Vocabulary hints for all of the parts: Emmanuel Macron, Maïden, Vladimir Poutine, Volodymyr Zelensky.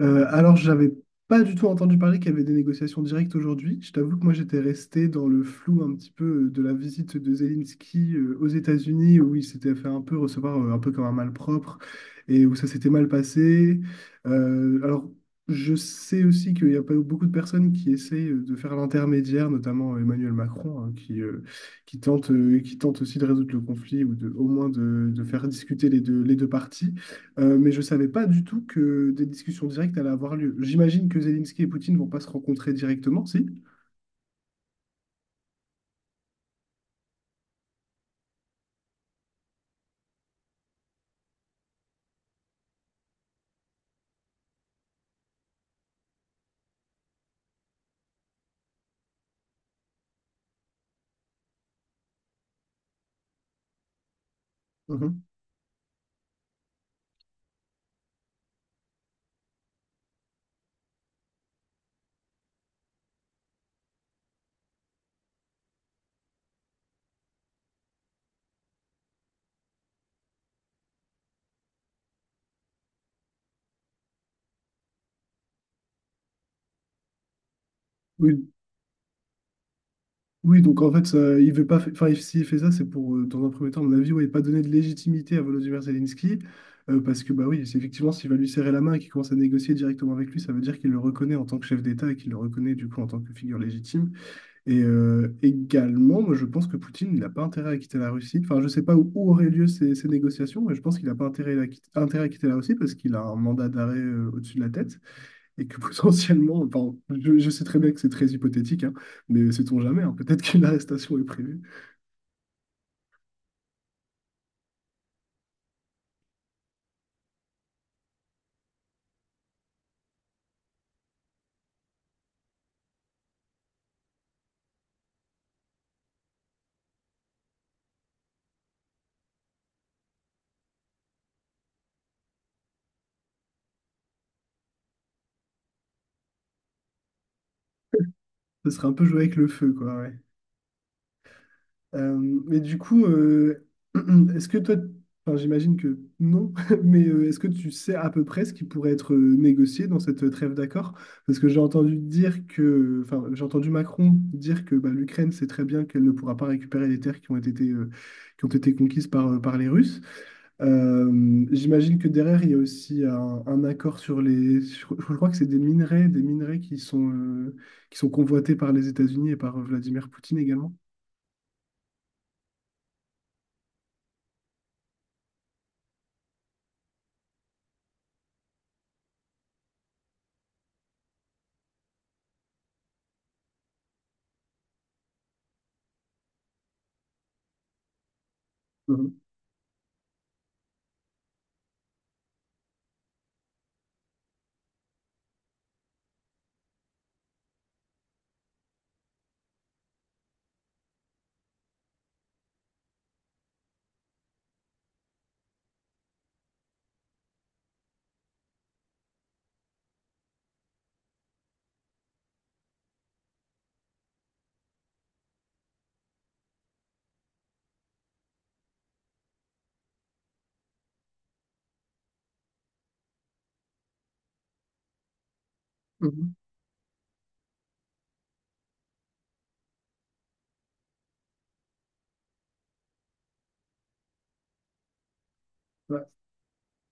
Alors, j'avais pas du tout entendu parler qu'il y avait des négociations directes aujourd'hui. Je t'avoue que moi, j'étais resté dans le flou un petit peu de la visite de Zelensky aux États-Unis, où il s'était fait un peu recevoir un peu comme un malpropre et où ça s'était mal passé. Alors, je sais aussi qu'il y a pas beaucoup de personnes qui essaient de faire l'intermédiaire, notamment Emmanuel Macron, hein, qui tente, qui tente aussi de résoudre le conflit ou de, au moins de faire discuter les deux parties. Mais je ne savais pas du tout que des discussions directes allaient avoir lieu. J'imagine que Zelensky et Poutine vont pas se rencontrer directement, si? Mhm. Oui, oui, donc en fait, il veut pas, enfin, s'il fait ça, c'est pour, dans un premier temps, à mon avis, ouais, pas donner de légitimité à Volodymyr Zelensky, parce que, bah oui, c'est effectivement, s'il va lui serrer la main et qu'il commence à négocier directement avec lui, ça veut dire qu'il le reconnaît en tant que chef d'État et qu'il le reconnaît, du coup, en tant que figure légitime. Et également, moi, je pense que Poutine, il n'a pas intérêt à quitter la Russie. Enfin, je sais pas où, où auraient lieu ces négociations, mais je pense qu'il n'a pas intérêt à quitter la Russie parce qu'il a un mandat d'arrêt, au-dessus de la tête. Et que potentiellement, enfin, je sais très bien que c'est très hypothétique, hein, mais sait-on jamais, hein, peut-être qu'une arrestation est prévue. Ce serait un peu jouer avec le feu, quoi. Ouais. Mais du coup, est-ce que toi, enfin, j'imagine que non, mais est-ce que tu sais à peu près ce qui pourrait être négocié dans cette trêve d'accord? Parce que j'ai entendu dire que, enfin, j'ai entendu Macron dire que bah, l'Ukraine sait très bien qu'elle ne pourra pas récupérer les terres qui ont été conquises par les Russes. J'imagine que derrière, il y a aussi un accord je crois que c'est des minerais, qui sont convoités par les États-Unis et par Vladimir Poutine également. Mhm. Mhm.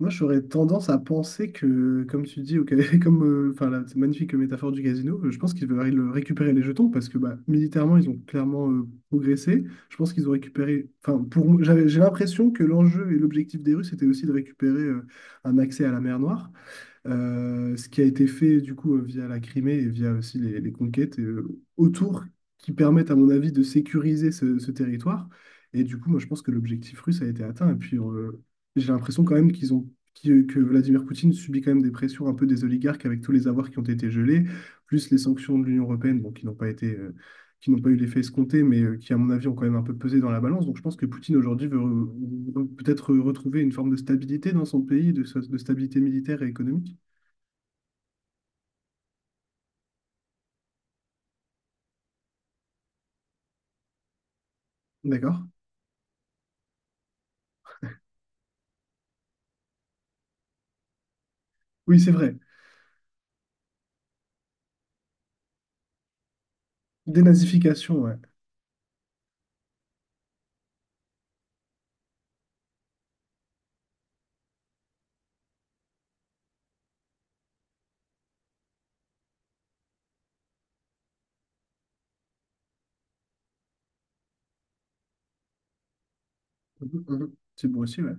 Moi, j'aurais tendance à penser que, comme tu dis, ok, enfin, la cette magnifique métaphore du casino, je pense qu'ils veulent récupérer les jetons parce que bah, militairement, ils ont clairement progressé. Je pense qu'ils ont récupéré. Enfin, moi, j'ai l'impression que l'enjeu et l'objectif des Russes était aussi de récupérer un accès à la mer Noire. Ce qui a été fait du coup via la Crimée et via aussi les conquêtes autour qui permettent à mon avis de sécuriser ce territoire. Et du coup, moi je pense que l'objectif russe a été atteint. Et puis j'ai l'impression quand même qu'ils ont que Vladimir Poutine subit quand même des pressions un peu des oligarques avec tous les avoirs qui ont été gelés, plus les sanctions de l'Union européenne, bon, qui n'ont pas eu l'effet escompté, mais qui, à mon avis, ont quand même un peu pesé dans la balance. Donc je pense que Poutine, aujourd'hui, veut peut-être retrouver une forme de stabilité dans son pays, de stabilité militaire et économique. D'accord. Oui, c'est vrai. Dénazification, ouais. Mhm, mhm. C'est beau aussi, ouais.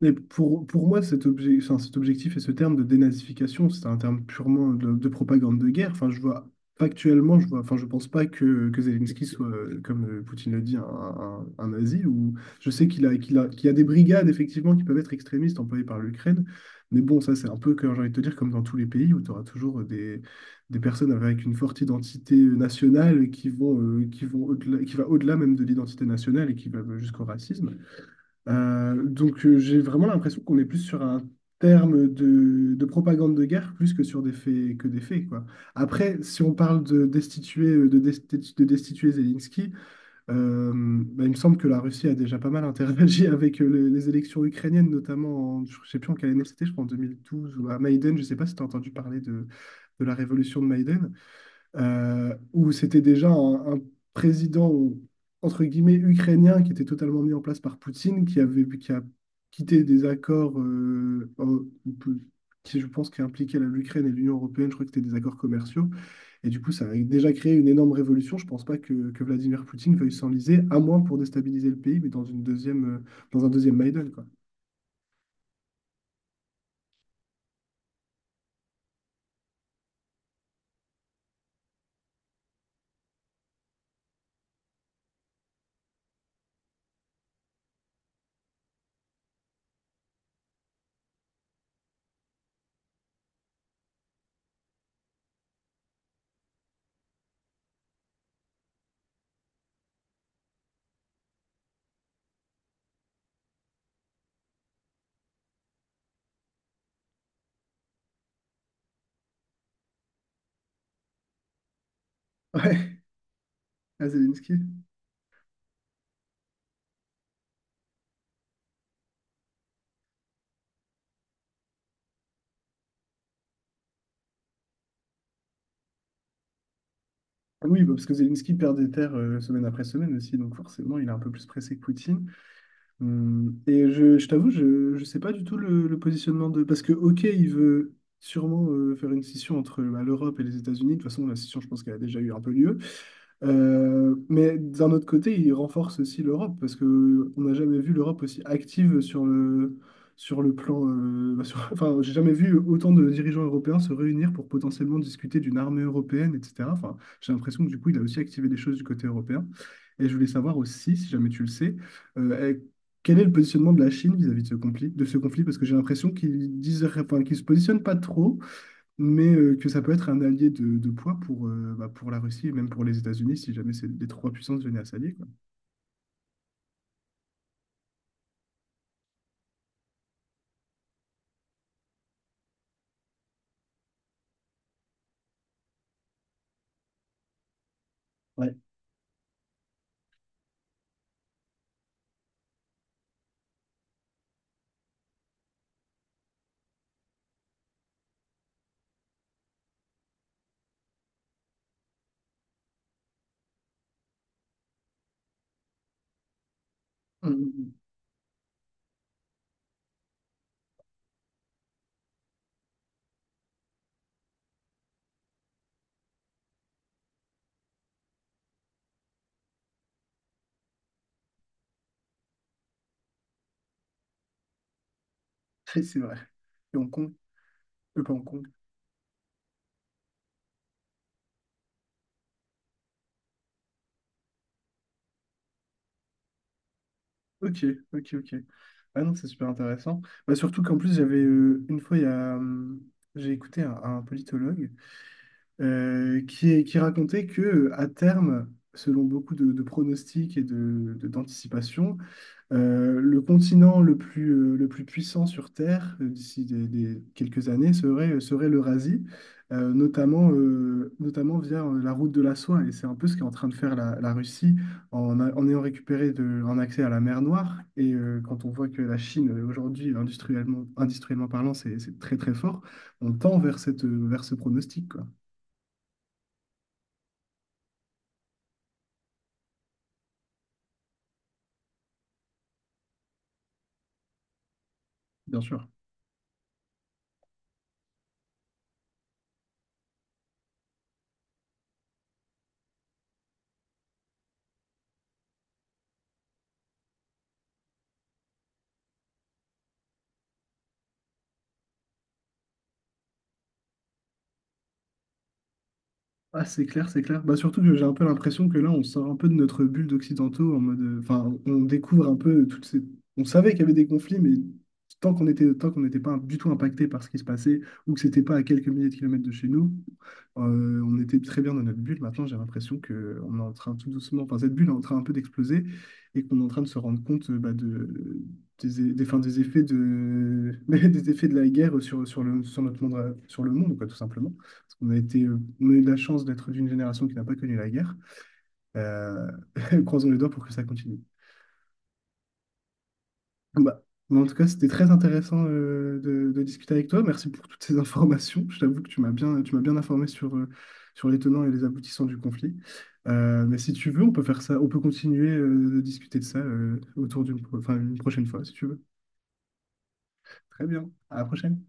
Mais pour moi, enfin, cet objectif et ce terme de dénazification, c'est un terme purement de propagande de guerre. Enfin, je vois, factuellement, je vois, enfin, je pense pas que Zelensky soit, comme Poutine le dit, un nazi. Ou, je sais qu'il y a des brigades, effectivement, qui peuvent être extrémistes employées par l'Ukraine. Mais bon, ça, c'est un peu, comme j'ai envie de te dire, comme dans tous les pays où tu auras toujours des personnes avec une forte identité nationale qui vont au-delà, qui va au-delà même de l'identité nationale et qui va jusqu'au racisme. Donc j'ai vraiment l'impression qu'on est plus sur un terme de propagande de guerre plus que sur des faits que des faits quoi. Après, si on parle de destituer Zelensky, bah, il me semble que la Russie a déjà pas mal interagi avec les élections ukrainiennes, notamment je sais plus en quelle année c'était, je crois en 2012 ou à Maïden. Je sais pas si tu as entendu parler de la révolution de Maïden où c'était déjà un président, entre guillemets, ukrainien qui était totalement mis en place par Poutine, qui a quitté des accords qui, je pense, qui impliquaient l'Ukraine et l'Union européenne. Je crois que c'était des accords commerciaux. Et du coup, ça a déjà créé une énorme révolution. Je ne pense pas que Vladimir Poutine veuille s'enliser, à moins pour déstabiliser le pays, mais dans un deuxième Maïdan, quoi. Ouais, à Zelensky. Oui, bah, parce que Zelensky perd des terres semaine après semaine aussi, donc forcément, il est un peu plus pressé que Poutine. Et je t'avoue, je ne sais pas du tout le positionnement de... Parce que, OK, il veut sûrement faire une scission entre bah, l'Europe et les États-Unis. De toute façon, la scission, je pense qu'elle a déjà eu un peu lieu. Mais d'un autre côté, il renforce aussi l'Europe parce que on n'a jamais vu l'Europe aussi active sur le plan. Bah, enfin, j'ai jamais vu autant de dirigeants européens se réunir pour potentiellement discuter d'une armée européenne, etc. Enfin, j'ai l'impression que du coup, il a aussi activé des choses du côté européen. Et je voulais savoir aussi, si jamais tu le sais, euh, eh, quel est le positionnement de la Chine vis-à-vis de ce conflit, parce que j'ai l'impression qu'ils disent, enfin, qu'ils se positionnent pas trop, mais que ça peut être un allié de poids bah, pour la Russie et même pour les États-Unis si jamais les trois puissances venaient à s'allier, quoi. Ouais. Mhm. Et C'est vrai. Et Hong Kong, pas Hong Kong. Ok, ok, ok. Ah non, c'est super intéressant. Bah, surtout qu'en plus, j'avais une fois, il y a, j'ai écouté un politologue qui racontait que à terme, selon beaucoup de pronostics et d'anticipations, le continent le plus puissant sur Terre d'ici quelques années serait l'Eurasie, notamment via la route de la soie. Et c'est un peu ce qu'est en train de faire la Russie en ayant récupéré un accès à la mer Noire. Et quand on voit que la Chine, aujourd'hui, industriellement, industriellement parlant, c'est très très fort, on tend vers ce pronostic, quoi, bien sûr. Ah, c'est clair, c'est clair. Bah, surtout que j'ai un peu l'impression que là, on sort un peu de notre bulle d'occidentaux en mode. Enfin, on découvre un peu toutes ces. On savait qu'il y avait des conflits, mais tant qu'on n'était pas du tout impacté par ce qui se passait ou que c'était pas à quelques milliers de kilomètres de chez nous, on était très bien dans notre bulle. Maintenant, j'ai l'impression que on est en train tout doucement. Enfin, cette bulle est en train un peu d'exploser et qu'on est en train de se rendre compte bah, des, enfin, des effets de la guerre sur notre monde, sur le monde, quoi, tout simplement. On a eu de la chance d'être d'une génération qui n'a pas connu la guerre. Euh, Croisons les doigts pour que ça continue. Bon, bah, mais en tout cas, c'était très intéressant de discuter avec toi. Merci pour toutes ces informations. Je t'avoue que tu m'as bien informé sur les tenants et les aboutissants du conflit. Mais si tu veux, on peut faire ça, on peut continuer de discuter de ça autour enfin, une prochaine fois, si tu veux. Très bien. À la prochaine.